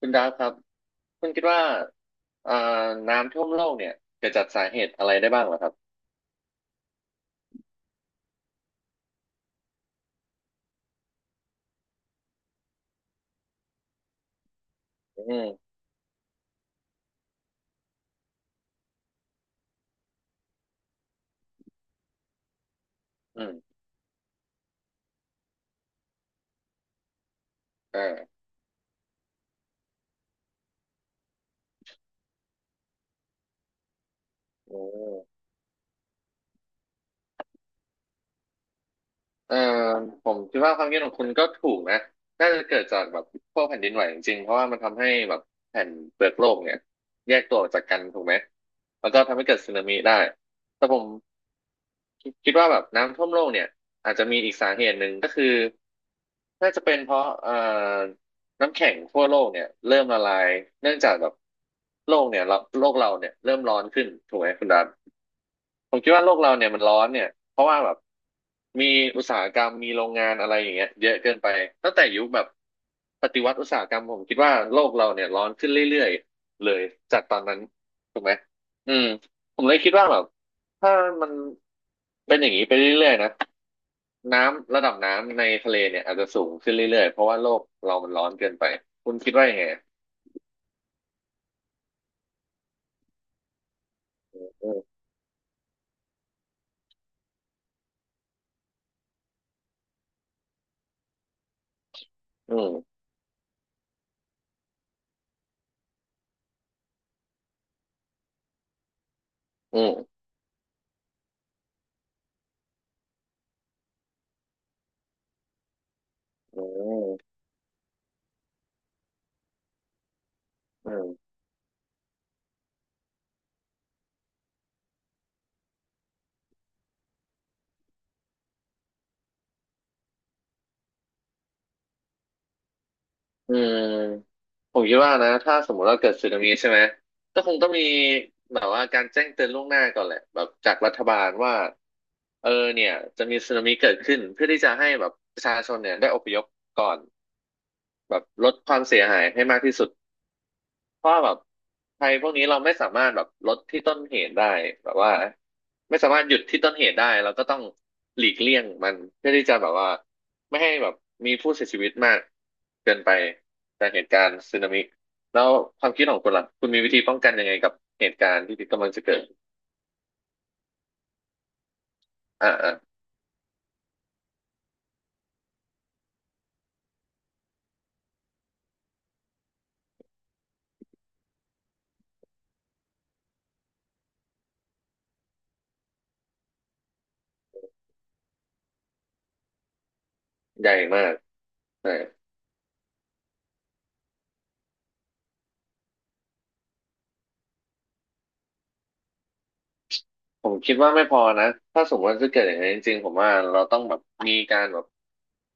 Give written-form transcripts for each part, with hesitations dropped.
คุณดาฟครับ คุณคิดว่าอ่าน้ำท่วมโลกเนี่ยเกิดจากสาเหตุอะไรได้บ้างเหรอครับอืมอืมเอออืม เออผมคิดว่าความคิดของคุณก็ถูกนะน่าจะเกิดจากแบบพวกแผ่นดินไหวจริงๆเพราะว่ามันทำให้แบบแผ่นเปลือกโลกเนี่ยแยกตัวออกจากกันถูกไหมแล้วก็ทำให้เกิดสึนามิได้แต่ผมคิดว่าแบบน้ำท่วมโลกเนี่ยอาจจะมีอีกสาเหตุหนึ่งก็คือน่าจะเป็นเพราะน้ำแข็งทั่วโลกเนี่ยเริ่มละลายเนื่องจากแบบโลกเนี่ยเราโลกเราเนี่ยเริ่มร้อนขึ้นถูกไหมคุณดา ผมคิดว่าโลกเราเนี่ยมันร้อนเนี่ยเพราะว่าแบบมีอุตสาหกรรมมีโรงงานอะไรอย่างเงี้ยเยอะเกินไปตั้งแต่ยุคแบบปฏิวัติอุตสาหกรรมผมคิดว่าโลกเราเนี่ยร้อนขึ้นเรื่อยๆเลยจากตอนนั้นถูกไหมอืมผมเลยคิดว่าแบบถ้ามันเป็นอย่างนี้ไปเรื่อยๆนะน้ำระดับน้ำในทะเลเนี่ยอาจจะสูงขึ้นเรื่อยๆเพราะว่าโลกเรามันร้อนเกินไปคุณคิดว่ายังไงอืมอืมอืมอืมอืม อืมผมคิดว่านะถ้าสมมติว่าเกิดสึนามิใช่ไหมก็คงต้องมีแบบว่าการแจ้งเตือนล่วงหน้าก่อนแหละแบบจากรัฐบาลว่าเออเนี่ยจะมีสึนามิเกิดขึ้นเพื่อที่จะให้แบบประชาชนเนี่ยได้อพยพก่อนแบบลดความเสียหายให้มากที่สุด เพราะว่าแบบภัยพวกนี้เราไม่สามารถแบบลดที่ต้นเหตุได้แบบว่าไม่สามารถหยุดที่ต้นเหตุได้เราก็ต้องหลีกเลี่ยงมันเพื่อที่จะแบบว่าไม่ให้แบบมีผู้เสียชีวิตมากเกินไปจากเหตุการณ์สึนามิแล้วความคิดของคุณล่ะคุณมีวิธีป้องกันยังไงกับเหตุการณ์ที่กำลังจะเกิดอ่าอ่าใหญ่มากใช่ ผมคิดว่าไม่พอนะถ้าสมมติว่าจะเกิดอย่างนั้นจริงๆผมว่าเราต้องแบบมีการแบบ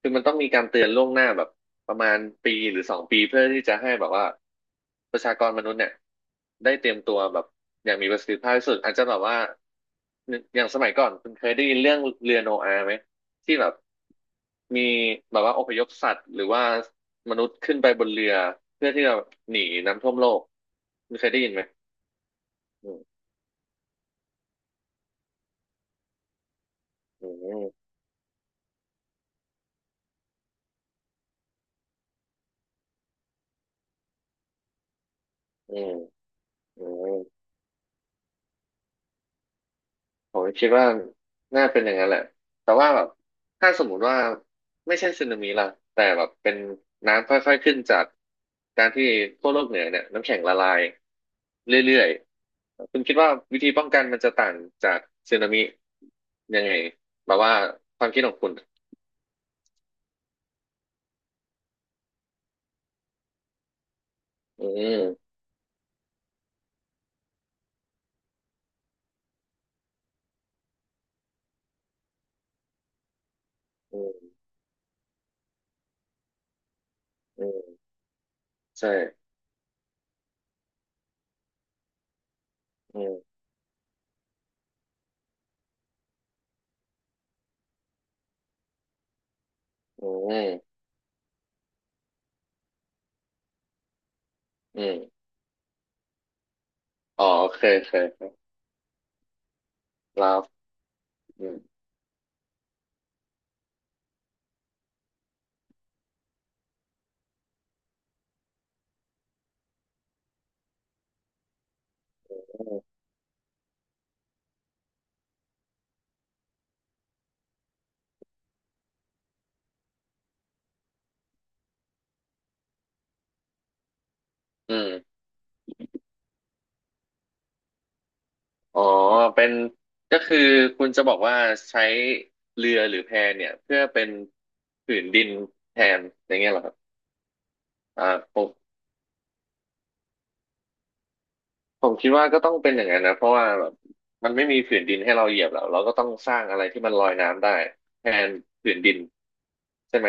คือมันต้องมีการเตือนล่วงหน้าแบบประมาณปีหรือสองปีเพื่อที่จะให้แบบว่าประชากรมนุษย์เนี่ยได้เตรียมตัวแบบอย่างมีประสิทธิภาพที่สุดอาจจะแบบว่าอย่างสมัยก่อนคุณเคยได้ยินเรื่องเรือโนอาห์ไหมที่แบบมีแบบว่าอพยพสัตว์หรือว่ามนุษย์ขึ้นไปบนเรือเพื่อที่จะหนีน้ำท่วมโลกคุณเคยได้ยินไหมอืมอืมอืมอืม ผมคิดว่าน่าเป็นอย่างนั้นแหละ แต่ว่าแบบ ถ้าสมมุติว่า ไม่ใช่สึนามิล่ะแต่แบบเป็นน้ำค่อยๆขึ้นจากการที่ขั้วโลกเหนือเนี่ยน้ำแข็งละลายเรื่อยๆคุณคิดว่าวิธีป้องกันมันจะต่างจากสึนามิยังไงแบบว่าความคิดของคุณอืมอืมอืมใช่อืมอืมอืมอ๋อโอเคโอเคลาฟอืมอืม อ๋อเป็นก็คือคุณจะบอกว่าใช้เรือหรือแพเนี่ยเพื่อเป็นผืนดินแทนอย่างเงี้ยเหรอครับอ่าผมผมคิดว่าก็ต้องเป็นอย่างนั้นนะเพราะว่าแบบมันไม่มีผืนดินให้เราเหยียบแล้วเราก็ต้องสร้างอะไรที่มันลอยน้ำได้แทนผืนดินใช่ไหม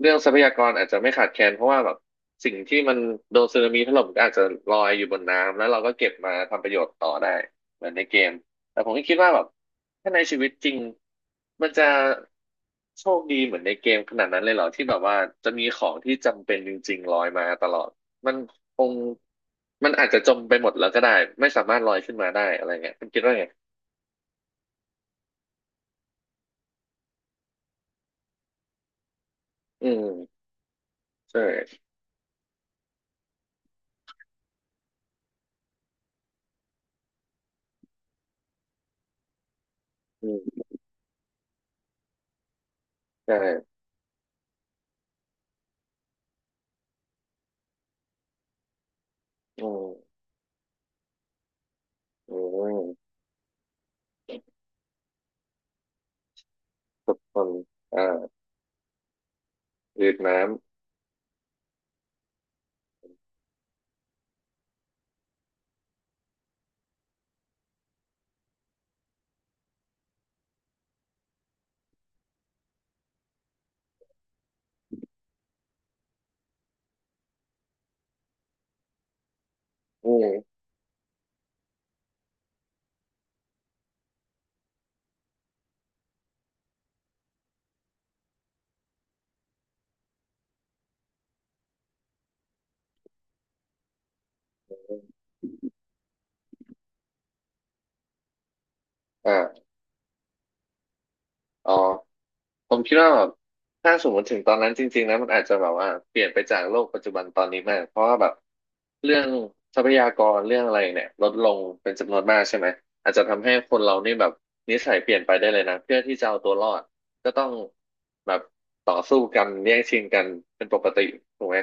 เรื่องทรัพยากรอาจจะไม่ขาดแคลนเพราะว่าแบบสิ่งที่มันโดนสึนามิถล่มก็อาจจะลอยอยู่บนน้ำแล้วเราก็เก็บมาทำประโยชน์ต่อได้เหมือนในเกมแต่ผมก็คิดว่าแบบถ้าในชีวิตจริงมันจะโชคดีเหมือนในเกมขนาดนั้นเลยเหรอที่แบบว่าจะมีของที่จำเป็นจริงๆลอยมาตลอดมันคงมันอาจจะจมไปหมดแล้วก็ได้ไม่สามารถลอยขึ้นมาได้อะไรเงี้ยคุณคิดว่าไงอืมใช่อืมใช่อืมอืมคนอ่าอืดน้ำ อืมอ่าอ๋อ ผมคิดว่าแบบถ้าสมมติถึงตอนนั้นจริงๆนะมันอาจจะแบบว่าเปลี่ยนไปจากโลกปัจจุบันตอนนี้มากเพราะว่าแบบเรื่องทรัพยากรเรื่องอะไรเนี่ยลดลงเป็นจำนวนมากใช่ไหมอาจจะทำให้คนเรานี่แบบนิสัยเปลี่ยนไปได้เลยนะเพื่อที่จะเอาตัวรอดก็ต้องแบบต่อสู้กันแย่งชิงกันเป็นปกติถูกไหม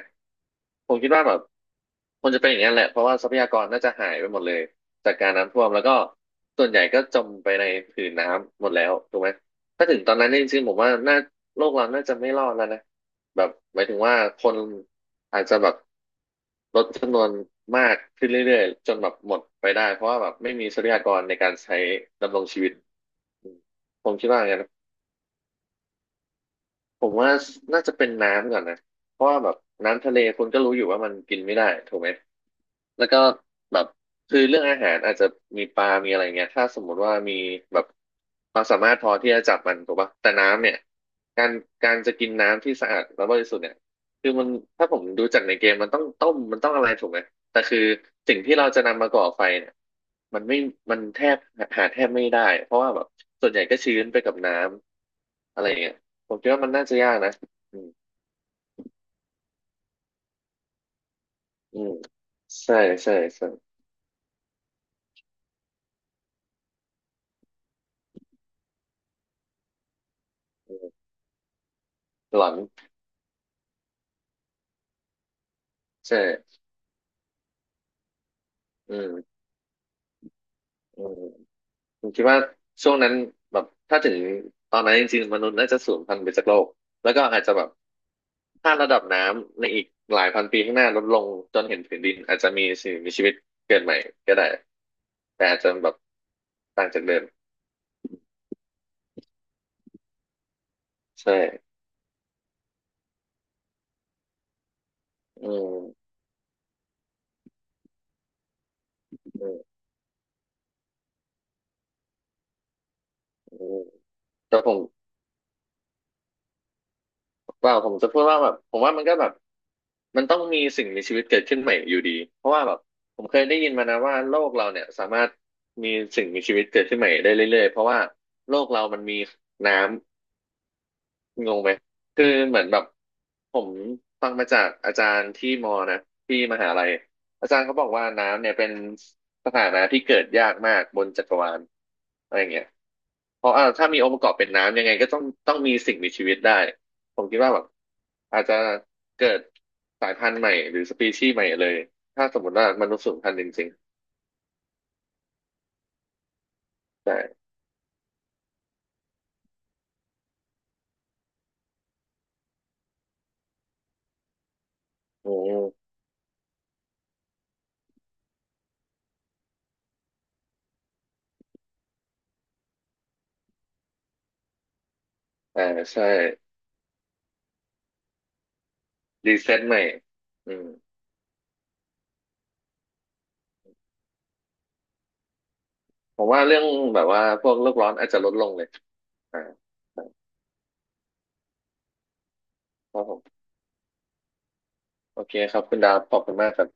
ผมคิดว่าแบบมันจะเป็นอย่างนั้นแหละเพราะว่าทรัพยากรน่าจะหายไปหมดเลยจากการน้ำท่วมแล้วก็ส่วนใหญ่ก็จมไปในผืนน้ำหมดแล้วถูกไหม ถ้าถึงตอนนั้นเนี่ยจริงๆผมว่าน่าโลกเราน่าจะไม่รอดแล้วนะแบบหมายถึงว่าคนอาจจะแบบลดจำนวนมากขึ้นเรื่อยๆจนแบบหมดไปได้เพราะว่าแบบไม่มีทรัพยากรในการใช้ดำรงชีวิตอืมผมคิดว่าอย่างนั้น ผมว่าน่าจะเป็นน้ำก่อนนะเพราะว่าแบบน้ำทะเลคุณก็รู้อยู่ว่ามันกินไม่ได้ถูกไหมแล้วก็แบบคือเรื่องอาหารอาจจะมีปลามีอะไรเงี้ยถ้าสมมุติว่ามีแบบความสามารถพอที่จะจับมันถูกปะแต่น้ำเนี่ยการการจะกินน้ำที่สะอาดและบริสุทธิ์เนี่ยคือมันถ้าผมดูจากในเกมมันต้องต้มมันต้องอะไรถูกไหม แต่คือสิ่งที่เราจะนำมาก่อไฟเนี่ยมันไม่มันแทบหาแทบไม่ได้เพราะว่าแบบส่วนใหญ่ก็ชื้นไปกับน้ำอะไรเงี้ย ผมคิดว่ามันน่าจะยากนะอืมอืมใช่ใช่ใช่อืมหลอนใช่อืมอืมผมคิดว่าช่วงนั้นแบบถ้าถึงตอนนั้นจริงๆมนุษย์น่าจะสูญพันธุ์ไปจากโลก แล้วก็อาจจะแบบถ้าระดับน้ำในอีกหลายพันปีข้างหน้าลดลงจนเห็นผืนดินอาจจะมีสิ่งมีชีวิตเกิดใหม่ก็ได้ แต่อาจจะแบบต่างจากเดิม ใช่อืมอืมอืมแต่ผม เปล่าผมจะพูดว่าแบบผมว่ามันก็แบบมันต้องมีสิ่งมีชีวิตเกิดขึ้นใหม่อยู่ดีเพราะว่าแบบผมเคยได้ยินมานะว่าโลกเราเนี่ยสามารถมีสิ่งมีชีวิตเกิดขึ้นใหม่ได้เรื่อยๆเพราะว่าโลกเรามันมีน้ำ งงไหม คือเหมือนแบบผมฟังมาจากอาจารย์ที่มอนะที่มหาลัยอาจารย์เขาบอกว่าน้ำเนี่ยเป็นสถานะที่เกิดยากมากบนจักรวาลอะไรอย่างเงี้ยเพราะถ้ามีองค์ประกอบเป็นน้ำยังไงก็ต้องมีสิ่งมีชีวิตได้ผมคิดว่าแบบอาจจะเกิดสายพันธุ์ใหม่หรือสปีชีส์ใหม่เลยถ้าสมมติว่ามนุษย์สูญพันธุ์จริงๆใช่อืมอ่าใช่รีเซ็ตใหม่อืมผมว่าเรื่องแบบว่าพวกโลกร้อนอาจจะลดลงเลย อ่าครับผมโอเคครับคุณดาวขอบคุณมากครับ